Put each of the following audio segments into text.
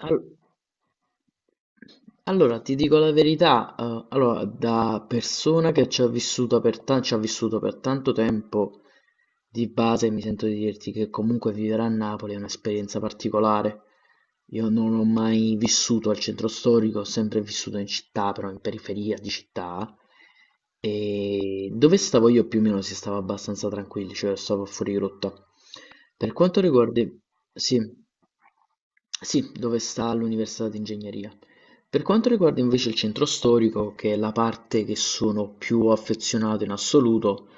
Al allora, ti dico la verità, allora, da persona che ci ha vissuto per tanto tempo, di base mi sento di dirti che comunque vivere a Napoli è un'esperienza particolare. Io non ho mai vissuto al centro storico, ho sempre vissuto in città, però in periferia di città. E dove stavo io più o meno si stava abbastanza tranquilli, cioè stavo fuori rotta. Per quanto riguarda. Sì, sì, dove sta l'università di ingegneria. Per quanto riguarda invece il centro storico, che è la parte che sono più affezionato in assoluto,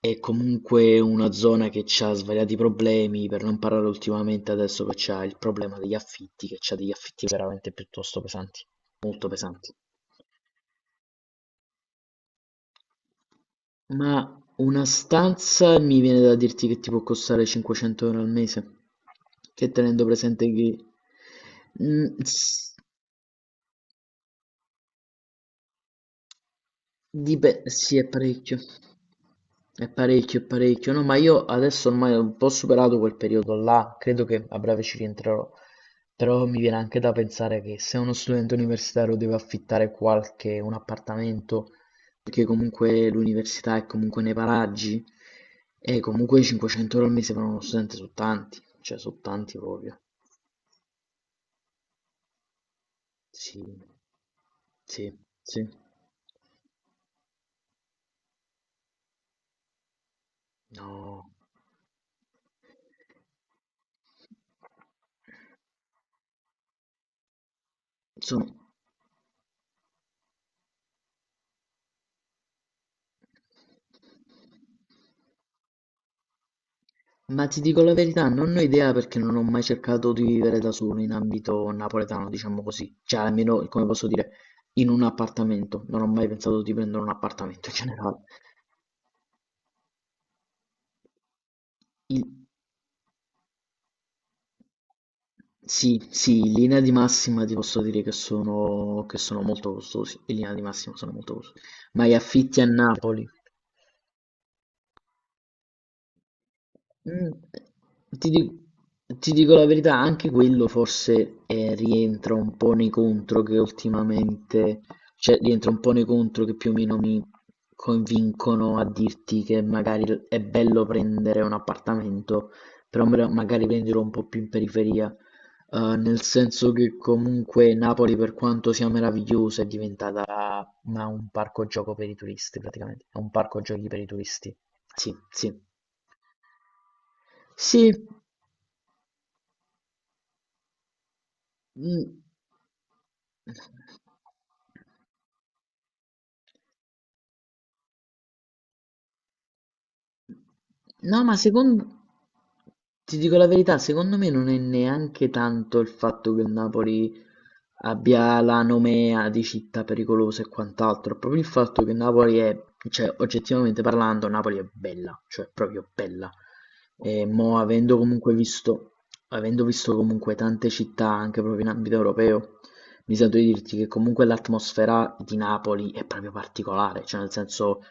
è comunque una zona che ha svariati problemi, per non parlare ultimamente adesso che c'ha il problema degli affitti, che c'ha degli affitti veramente piuttosto pesanti, molto pesanti. Ma una stanza mi viene da dirti che ti può costare 500 euro al mese, che tenendo presente che. Mm. Di beh, sì, è parecchio. È parecchio, è parecchio. No, ma io adesso ormai ho un po' superato quel periodo là, credo che a breve ci rientrerò. Però mi viene anche da pensare che se uno studente universitario deve affittare un appartamento, perché comunque l'università è comunque nei paraggi, e comunque 500 euro al mese per uno studente sono tanti, cioè sono tanti proprio. Sì, sì, sì. No, sono, Ma ti dico la verità, non ho idea perché non ho mai cercato di vivere da solo in ambito napoletano, diciamo così. Cioè, almeno, come posso dire, in un appartamento. Non ho mai pensato di prendere un appartamento in generale. In- Sì, sì, in linea di massima ti posso dire che sono molto costosi. In linea di massima sono molto costosi. Ma gli affitti a Napoli. Mh, ti di ti dico la verità, anche quello forse, rientra un po' nei contro che ultimamente cioè rientra un po' nei contro che più o meno mi convincono a dirti che magari l è bello prendere un appartamento, però mra magari prenderlo un po' più in periferia. Nel senso che comunque Napoli per quanto sia meravigliosa è diventata una un parco gioco per i turisti praticamente, è un parco giochi per i turisti. Sì, sì. Sì. Mm. No, ma secondo. Ti dico la verità, secondo me non è neanche tanto il fatto che il Napoli abbia la nomea di città pericolosa e quant'altro, è proprio il fatto che Napoli è, cioè oggettivamente parlando, Napoli è bella, cioè proprio bella. E mo avendo visto comunque tante città anche proprio in ambito europeo, mi sento di dirti che comunque l'atmosfera di Napoli è proprio particolare, cioè nel senso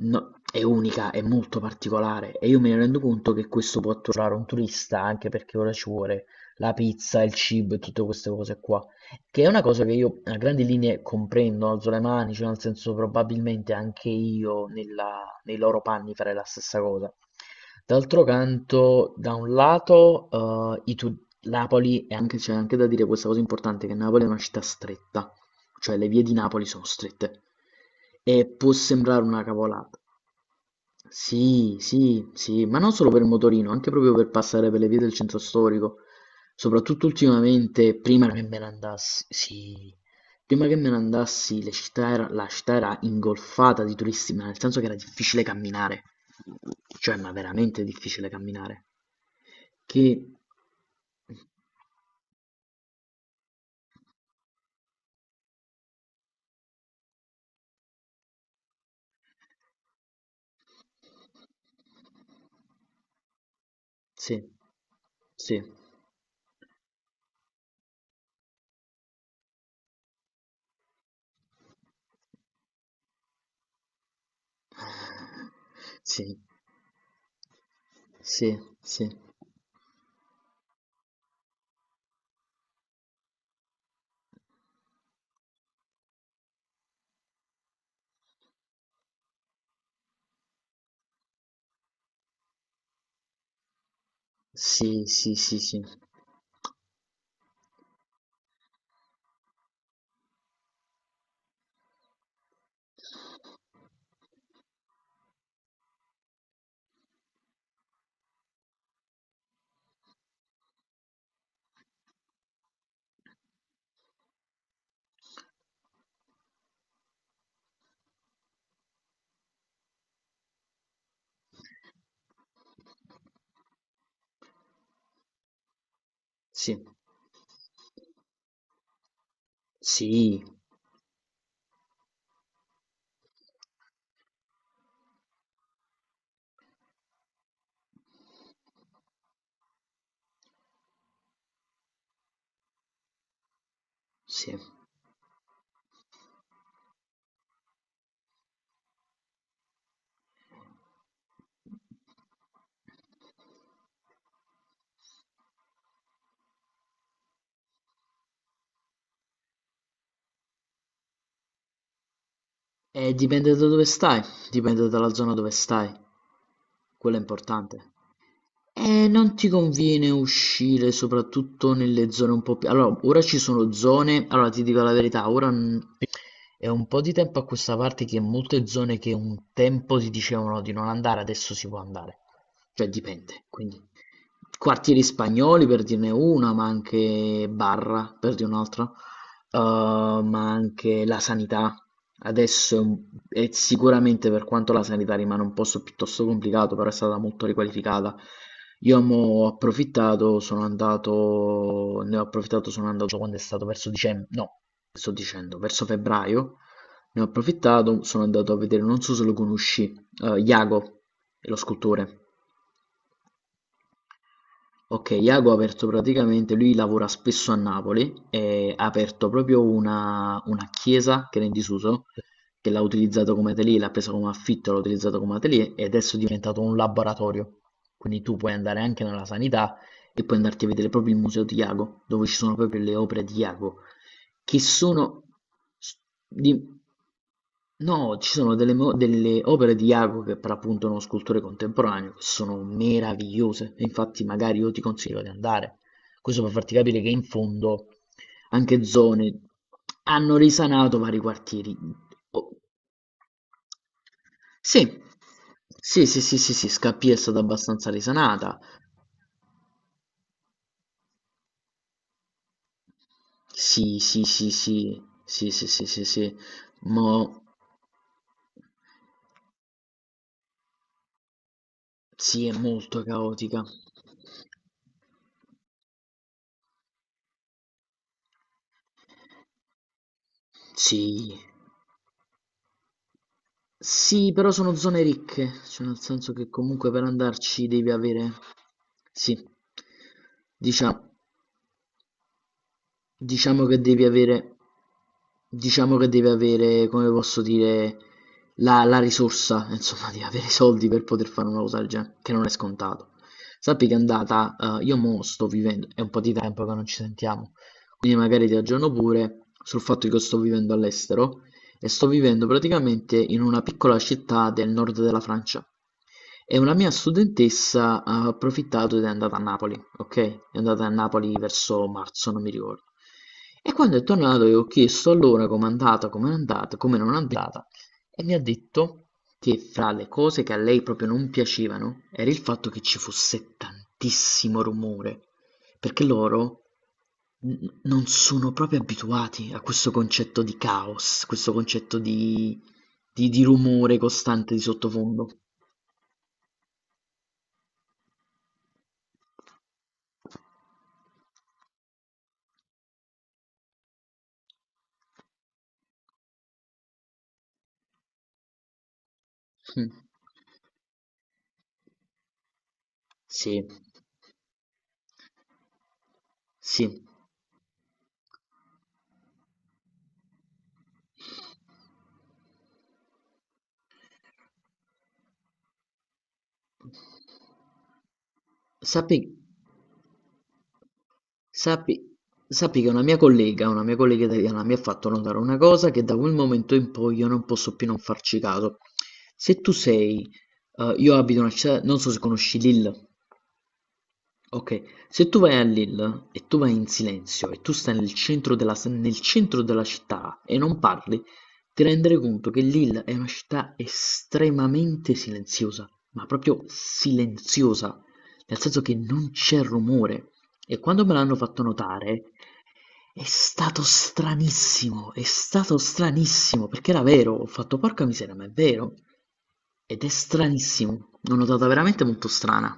è unica, è molto particolare e io me ne rendo conto che questo può atturare un turista anche perché ora ci vuole la pizza, il cibo e tutte queste cose qua. Che è una cosa che io a grandi linee comprendo, alzo le mani, cioè nel senso probabilmente anche io nei loro panni farei la stessa cosa. D'altro canto, da un lato, Napoli, e anche c'è anche da dire questa cosa importante, che Napoli è una città stretta, cioè le vie di Napoli sono strette. E può sembrare una cavolata. Sì, sì, sì, ma non solo per il motorino, anche proprio per passare per le vie del centro storico. Soprattutto ultimamente, prima che me ne andassi, sì, prima che me ne andassi, la città era ingolfata di turisti, ma nel senso che era difficile camminare, cioè, ma veramente difficile camminare. Che Sì, sì, sì, sì, sì, sì, sì, sì, sì, sì, sì, sì. E dipende da dove stai, dipende dalla zona dove stai, quello è importante. Non ti conviene uscire soprattutto nelle zone un po' più. Allora, ora ci sono zone, allora ti dico la verità, ora è un po' di tempo a questa parte che molte zone che un tempo si dicevano di non andare, adesso si può andare. Cioè dipende, quindi quartieri spagnoli per dirne una, ma anche Barra per dire un'altra, ma anche la sanità. Adesso è sicuramente per quanto la sanità rimane un posto piuttosto complicato, però è stata molto riqualificata. Io mo ho approfittato, sono andato, ne ho approfittato, sono andato quando è stato verso dicembre, no, sto dicendo, verso febbraio, ne ho approfittato, sono andato a vedere, non so se lo conosci, Iago, è lo scultore. Ok, Iago ha aperto praticamente, lui lavora spesso a Napoli e ha aperto proprio una chiesa che era in disuso, che l'ha utilizzato come atelier, l'ha presa come affitto, l'ha utilizzato come atelier e adesso è diventato un laboratorio. Quindi tu puoi andare anche nella sanità e puoi andarti a vedere proprio il museo di Iago, dove ci sono proprio le opere di Iago, che sono. di- No, ci sono delle opere di Jacopo che per appunto è uno scultore contemporaneo che sono meravigliose. E infatti, magari io ti consiglio di andare. Questo per farti capire che in fondo anche zone hanno risanato vari quartieri. Oh, sì, sì, sì, sì, sì, sì, Scappia è stata abbastanza risanata. Sì, sì, sì, sì, sì, sì, sì, sì, sì, mo sì, è molto caotica. Sì, sì, però sono zone ricche, cioè nel senso che comunque per andarci devi avere, sì, diciamo, Diciamo che devi avere diciamo che devi avere, come posso dire, la risorsa, insomma devi avere i soldi per poter fare una cosa del genere, che non è scontato. Sappi che è andata, io mo' sto vivendo è un po' di tempo che non ci sentiamo, quindi magari ti aggiorno pure sul fatto che io sto vivendo all'estero e sto vivendo praticamente in una piccola città del nord della Francia. E una mia studentessa ha approfittato ed è andata a Napoli, okay? È andata a Napoli verso marzo, non mi ricordo. E quando è tornato io ho chiesto allora com'è andata, come non è andata e mi ha detto che fra le cose che a lei proprio non piacevano era il fatto che ci fosse tantissimo rumore, perché loro non sono proprio abituati a questo concetto di caos, questo concetto di, rumore costante di sottofondo. Mh. Sì, sì. Sappi sappi sappi che una mia collega italiana mi ha fatto notare una cosa che da quel momento in poi io non posso più non farci caso. Se tu sei, io abito in una città non so se conosci Lille. Okay, se tu vai a Lille e tu vai in silenzio e tu stai nel centro della città e non parli, ti renderai conto che Lille è una città estremamente silenziosa, ma proprio silenziosa, nel senso che non c'è rumore. E quando me l'hanno fatto notare è stato stranissimo, perché era vero, ho fatto porca miseria, ma è vero. Ed è stranissimo, l'ho notata veramente molto strana.